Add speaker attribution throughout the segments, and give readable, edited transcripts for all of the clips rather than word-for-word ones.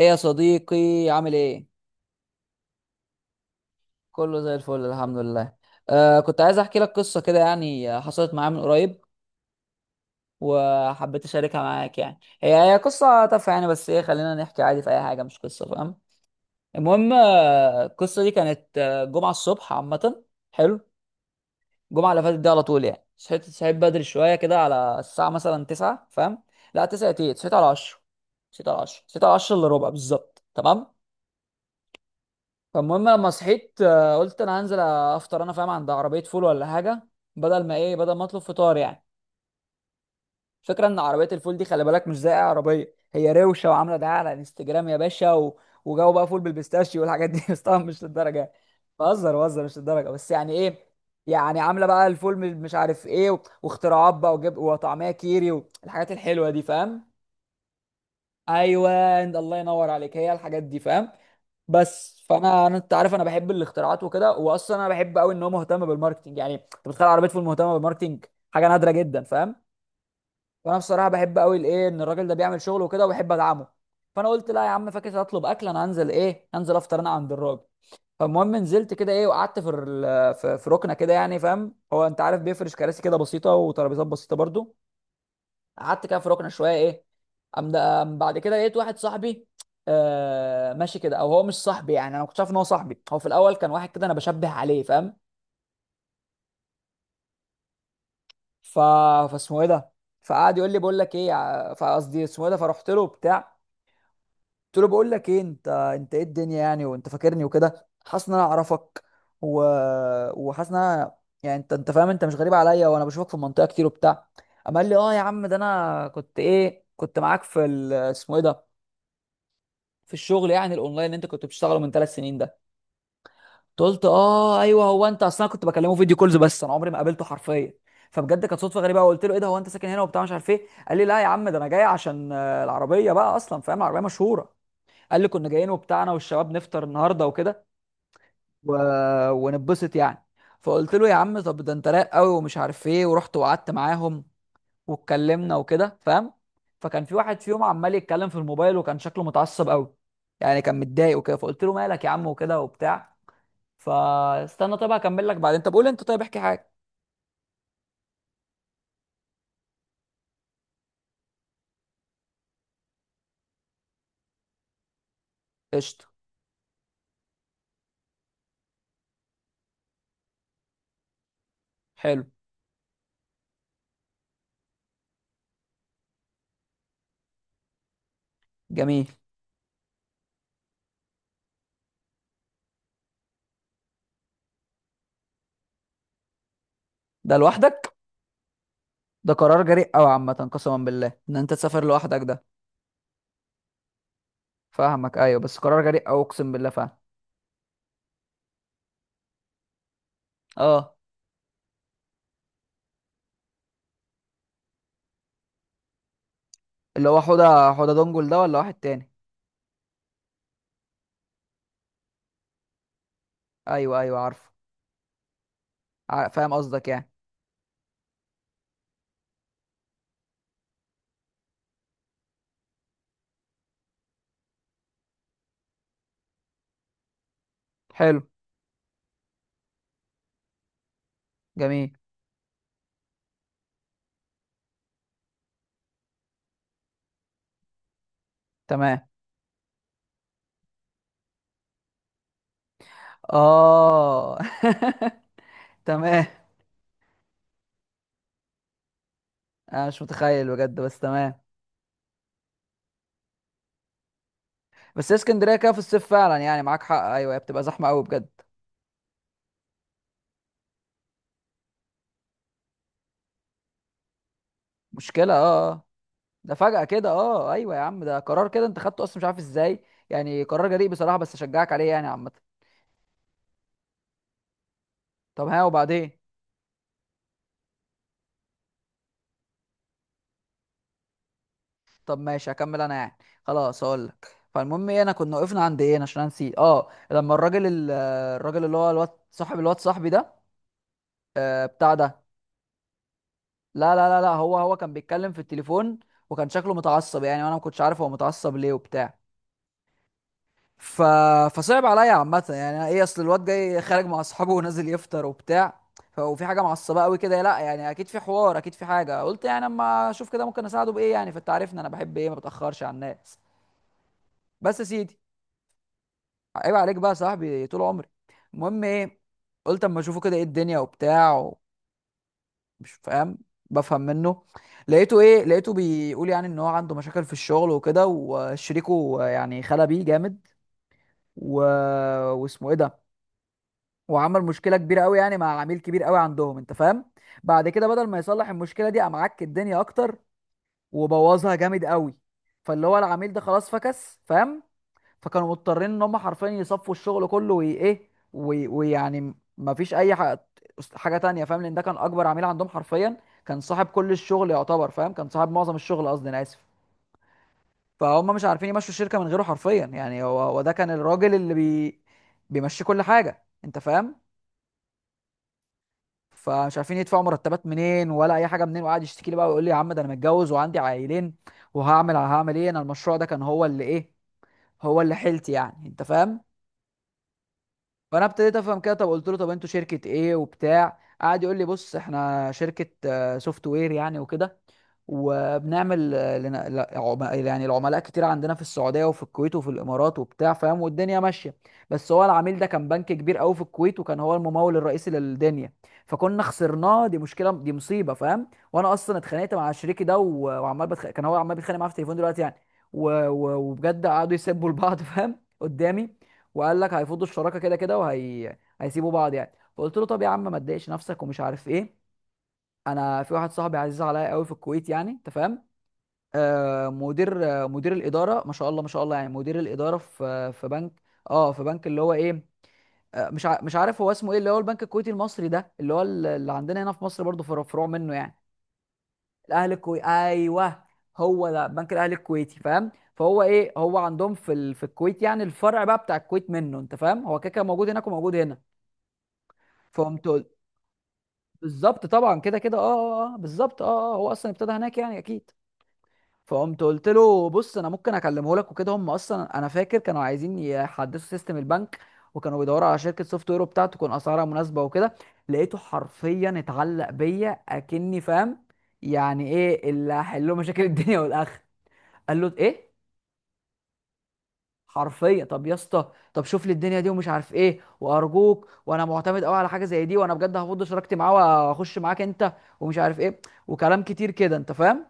Speaker 1: ايه يا صديقي؟ عامل ايه؟ كله زي الفل، الحمد لله. كنت عايز احكي لك قصه كده يعني، حصلت معايا من قريب، وحبيت اشاركها معاك، يعني هي قصه تافهه يعني، بس ايه، خلينا نحكي عادي في اي حاجه، مش قصه، فاهم؟ المهم القصه دي كانت جمعه الصبح عامه. حلو، الجمعه اللي فاتت دي على طول يعني، صحيت بدري شويه كده، على الساعه مثلا 9، فاهم؟ لا 9 ايه، صحيت على 10 الا ربع بالظبط، تمام. فالمهم لما صحيت قلت انا هنزل افطر، انا فاهم، عند عربيه فول ولا حاجه، بدل ما ايه، بدل ما اطلب فطار يعني. فكره ان عربيه الفول دي، خلي بالك، مش زي اي عربيه، هي روشه وعامله دعايه على انستجرام يا باشا، وجو بقى فول بالبيستاشيو والحاجات دي بس طبعا مش للدرجه يعني. بهزر بهزر، مش للدرجه، بس يعني ايه. يعني عامله بقى الفول من مش عارف ايه، واختراعات بقى، وطعميه كيري والحاجات الحلوه دي، فاهم. ايوه، الله ينور عليك، هي الحاجات دي، فاهم. بس فانا انت عارف، انا بحب الاختراعات وكده، واصلا انا بحب قوي ان هو مهتم بالماركتنج، يعني انت بتخيل عربيه فول مهتمه بالماركتنج؟ حاجه نادره جدا، فاهم. فانا بصراحه بحب قوي الايه، ان الراجل ده بيعمل شغل وكده، وبحب ادعمه. فانا قلت لا يا عم، فاكر هطلب اكل، انا هنزل ايه، هنزل افطر انا عند الراجل. فالمهم نزلت كده ايه، وقعدت في ال- في في ركنه كده يعني، فاهم هو، انت عارف بيفرش كراسي كده بسيطه وترابيزات بسيطه برضو. قعدت كده في ركنه شويه ايه. أم أم بعد كده لقيت واحد صاحبي. ماشي كده، او هو مش صاحبي يعني، انا ما كنتش عارف ان هو صاحبي، هو في الاول كان واحد كده انا بشبه عليه، فاهم. ف فاسمه ايه ده. فقعد يقول لي بقول لك ايه فقصدي اسمه ايه ده، فرحت له بتاع. قلت له بقول لك ايه، انت ايه الدنيا يعني، وانت فاكرني وكده، حاسس ان انا اعرفك، و... وحاسس ان انا، يعني انت فاهم، انت مش غريب عليا، وانا بشوفك في المنطقه كتير وبتاع. قام قال لي اه يا عم ده، انا كنت ايه، كنت معاك في اسمه ايه ده، في الشغل يعني الاونلاين اللي انت كنت بتشتغله من 3 سنين ده. قلت اه ايوه، هو انت اصلا كنت بكلمه فيديو كولز، بس انا عمري ما قابلته حرفيا. فبجد كانت صدفه غريبه، وقلت له ايه ده، هو انت ساكن هنا وبتاع مش عارف ايه. قال لي لا يا عم ده، انا جاي عشان العربيه بقى، اصلا فاهم، العربيه مشهوره. قال لي كنا جايين وبتاع، انا والشباب نفطر النهارده وكده، و... ونتبسط يعني. فقلت له يا عم، طب ده انت رايق قوي ومش عارف ايه، ورحت وقعدت معاهم. واتكلمنا وكده، فاهم. فكان في واحد فيهم عمال يتكلم في الموبايل، وكان شكله متعصب قوي. يعني كان متضايق وكده، فقلت له مالك يا عم وكده وبتاع. فاستنى، طيب هكمل لك بعدين، طب قول انت، طيب احكي حاجه. قشطه. حلو. جميل. ده لوحدك؟ ده قرار جريء قوي عامه، قسما بالله ان انت تسافر لوحدك ده. فاهمك، ايوه، بس قرار جريء قوي اقسم بالله، فاهم. اه، اللي هو حوده حوده دونجل ده ولا واحد تاني؟ ايوه ايوه، عارفه. فاهم قصدك يعني. حلو. جميل. تمام. اه تمام. انا مش متخيل بجد، بس تمام. بس هي اسكندريه كده في الصيف فعلا، يعني معاك حق، ايوه، هي بتبقى زحمه قوي بجد. مشكله، اه اه. ده فجأة كده اه ايوه يا عم، ده قرار كده انت خدته، اصلا مش عارف ازاي. يعني قرار جريء بصراحه، بس اشجعك عليه يعني عامه. طب ها، وبعدين؟ طب ماشي، هكمل انا يعني. خلاص هقول لك، فالمهم ايه، انا كنا وقفنا عند ايه، أنا عشان أنا نسيت اه، لما الراجل الراجل اللي هو الواد صاحب الواد صاحبي ده، بتاع ده. لا لا لا لا، هو كان بيتكلم في التليفون، وكان شكله متعصب يعني، وانا ما كنتش عارف هو متعصب ليه وبتاع. ف... فصعب عليا عامة يعني، أنا ايه، اصل الواد جاي خارج مع اصحابه ونازل يفطر وبتاع، وفي حاجة معصبة قوي كده، لا يعني اكيد في حوار، اكيد في حاجة، قلت يعني اما اشوف كده ممكن اساعده بايه، يعني فانت عارفني، انا بحب ايه، ما بتأخرش على الناس. بس يا سيدي، عيب عليك بقى يا صاحبي، طول عمري. المهم ايه، قلت اما اشوفه كده، ايه الدنيا وبتاع مش فاهم، بفهم منه. لقيته ايه، لقيته بيقول يعني ان هو عنده مشاكل في الشغل وكده، وشريكه يعني خلى بيه جامد، و... واسمه ايه ده، وعمل مشكله كبيره قوي يعني مع عميل كبير قوي عندهم، انت فاهم. بعد كده بدل ما يصلح المشكله دي، قام عك الدنيا اكتر، وبوظها جامد قوي. فاللي هو العميل ده خلاص فكس، فاهم. فكانوا مضطرين ان هم حرفيا يصفوا الشغل كله، وايه، ويعني ما فيش اي حاجه، حاجه تانية، فاهم، لان ده كان اكبر عميل عندهم حرفيا. كان صاحب كل الشغل يعتبر، فاهم، كان صاحب معظم الشغل قصدي، انا اسف. فهم مش عارفين يمشوا الشركه من غيره حرفيا يعني، هو ده كان الراجل اللي بيمشي كل حاجه، انت فاهم. فمش عارفين يدفعوا مرتبات منين ولا اي حاجه منين، وقعد يشتكي لي بقى ويقول لي يا عم ده انا متجوز وعندي عائلين، وهعمل ايه، انا المشروع ده كان هو اللي ايه، هو اللي حيلتي يعني، انت فاهم. فانا ابتديت افهم كده، طب قلت له طب انتوا شركه ايه وبتاع، قعد يقول لي بص احنا شركه سوفت وير يعني وكده، وبنعمل يعني العملاء كتير عندنا في السعوديه وفي الكويت وفي الامارات وبتاع، فاهم، والدنيا ماشيه. بس هو العميل ده كان بنك كبير قوي في الكويت، وكان هو الممول الرئيسي للدنيا. فكنا خسرناه، دي مشكله، دي مصيبه، فاهم، وانا اصلا اتخانقت مع شريكي ده كان هو عمال بيتخانق معاه في التليفون دلوقتي يعني. وبجد قعدوا يسبوا لبعض فاهم قدامي. وقال لك هيفضوا الشراكه كده كده، وهي هيسيبوا بعض يعني، فقلت له طب يا عم ما تضايقش نفسك ومش عارف ايه. انا في واحد صاحبي عزيز عليا قوي في الكويت يعني، انت فاهم. مدير الاداره، ما شاء الله ما شاء الله، يعني مدير الاداره في بنك. اه في بنك، اللي هو ايه، مش عارف هو اسمه ايه، اللي هو البنك الكويتي المصري ده، اللي هو اللي عندنا هنا في مصر برضه فروع منه يعني. الاهلي الكويتي، ايوه، هو ده بنك الاهلي الكويتي، فاهم. فهو ايه، هو عندهم في الكويت يعني، الفرع بقى بتاع الكويت منه، انت فاهم، هو كده كده موجود هناك وموجود هنا. فقمت قلت، بالظبط طبعا كده كده، اه اه اه، بالظبط اه اه، هو اصلا ابتدى هناك يعني اكيد. فقمت قلت له بص، انا ممكن اكلمه لك وكده، هم اصلا انا فاكر كانوا عايزين يحدثوا سيستم البنك، وكانوا بيدوروا على شركه سوفت وير بتاعته تكون اسعارها مناسبه وكده. لقيته حرفيا اتعلق بيا، اكني فاهم يعني ايه اللي هحل له مشاكل الدنيا والاخر. قال له ايه، حرفيا، طب يا اسطى، طب شوف لي الدنيا دي ومش عارف ايه، وارجوك، وانا معتمد قوي على حاجه زي دي، وانا بجد هفض شراكتي معاه واخش معاك انت، ومش عارف ايه وكلام كتير كده، انت فاهم.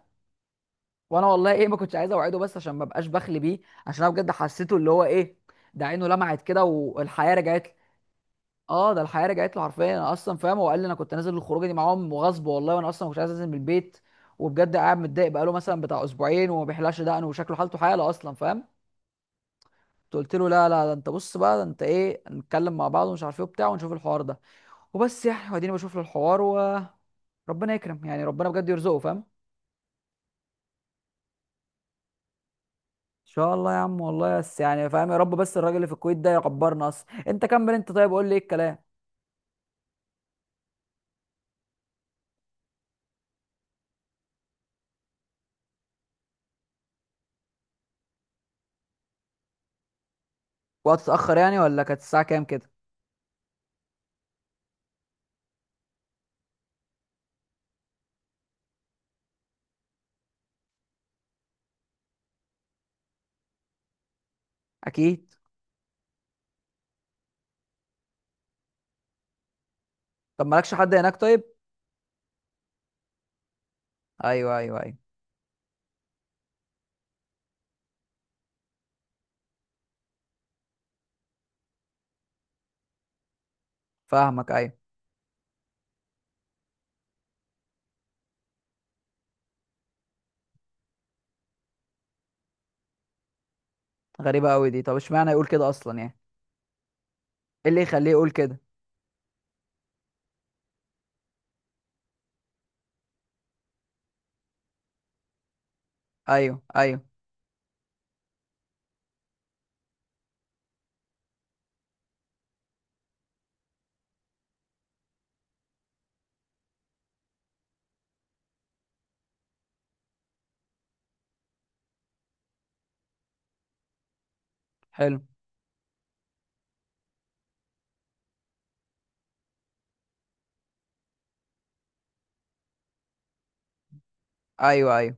Speaker 1: وانا والله ايه، ما كنتش عايز اوعده، بس عشان ما بقاش بخلي بيه، عشان انا بجد حسيته اللي هو ايه، ده عينه لمعت كده والحياه رجعت لي. اه، ده الحياه رجعت له حرفيا، انا اصلا فاهم، هو قال لي انا كنت نازل الخروجه دي معاهم وغصب والله، وانا اصلا ما كنتش عايز انزل من البيت، وبجد قاعد متضايق بقاله مثلا بتاع اسبوعين، وما بيحلقش دقنه، وشكله حالته حاله اصلا، فاهم. قلت له لا لا، ده انت بص بقى، ده انت ايه، نتكلم مع بعض ومش عارف ايه وبتاع، ونشوف الحوار ده، وبس يعني، واديني بشوف له الحوار ربنا يكرم يعني، ربنا بجد يرزقه، فاهم، ان شاء الله يا عم والله، بس يعني فاهم، يا رب، بس الراجل اللي في الكويت ده يكبرنا اصلا، انت كمل انت، طيب قول لي ايه الكلام. وقت اتاخر يعني ولا كانت الساعه كام كده؟ اكيد. طب مالكش حد هناك طيب. ايوه ايوه ايوه، فاهمك ايوه. غريبه قوي دي، طب اشمعنى يقول كده اصلا يعني، ايه اللي يخليه يقول كده. ايوه ايوه، حلو، ايوه ايوه.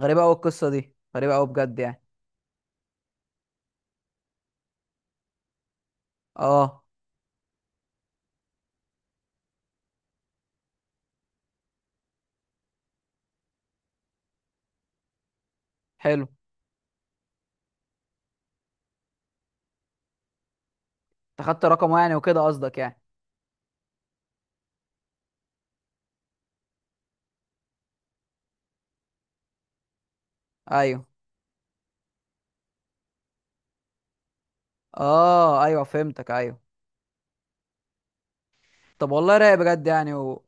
Speaker 1: غريبه قوي القصه دي غريبه قوي بجد يعني، اه. حلو، انت خدت رقمه يعني وكده قصدك يعني؟ ايوه، اه، ايوه، فهمتك ايوه. طب والله رايق بجد يعني.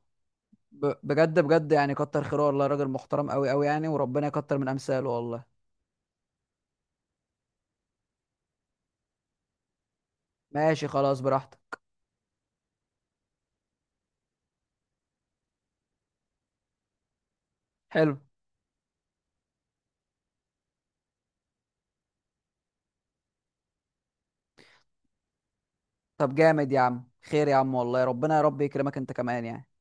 Speaker 1: بجد بجد يعني، كتر خيره والله، راجل محترم قوي قوي يعني، وربنا يكتر من امثاله والله. ماشي خلاص براحتك. حلو. طب جامد يا عم، خير يا عم والله، ربنا يا رب يكرمك انت كمان يعني.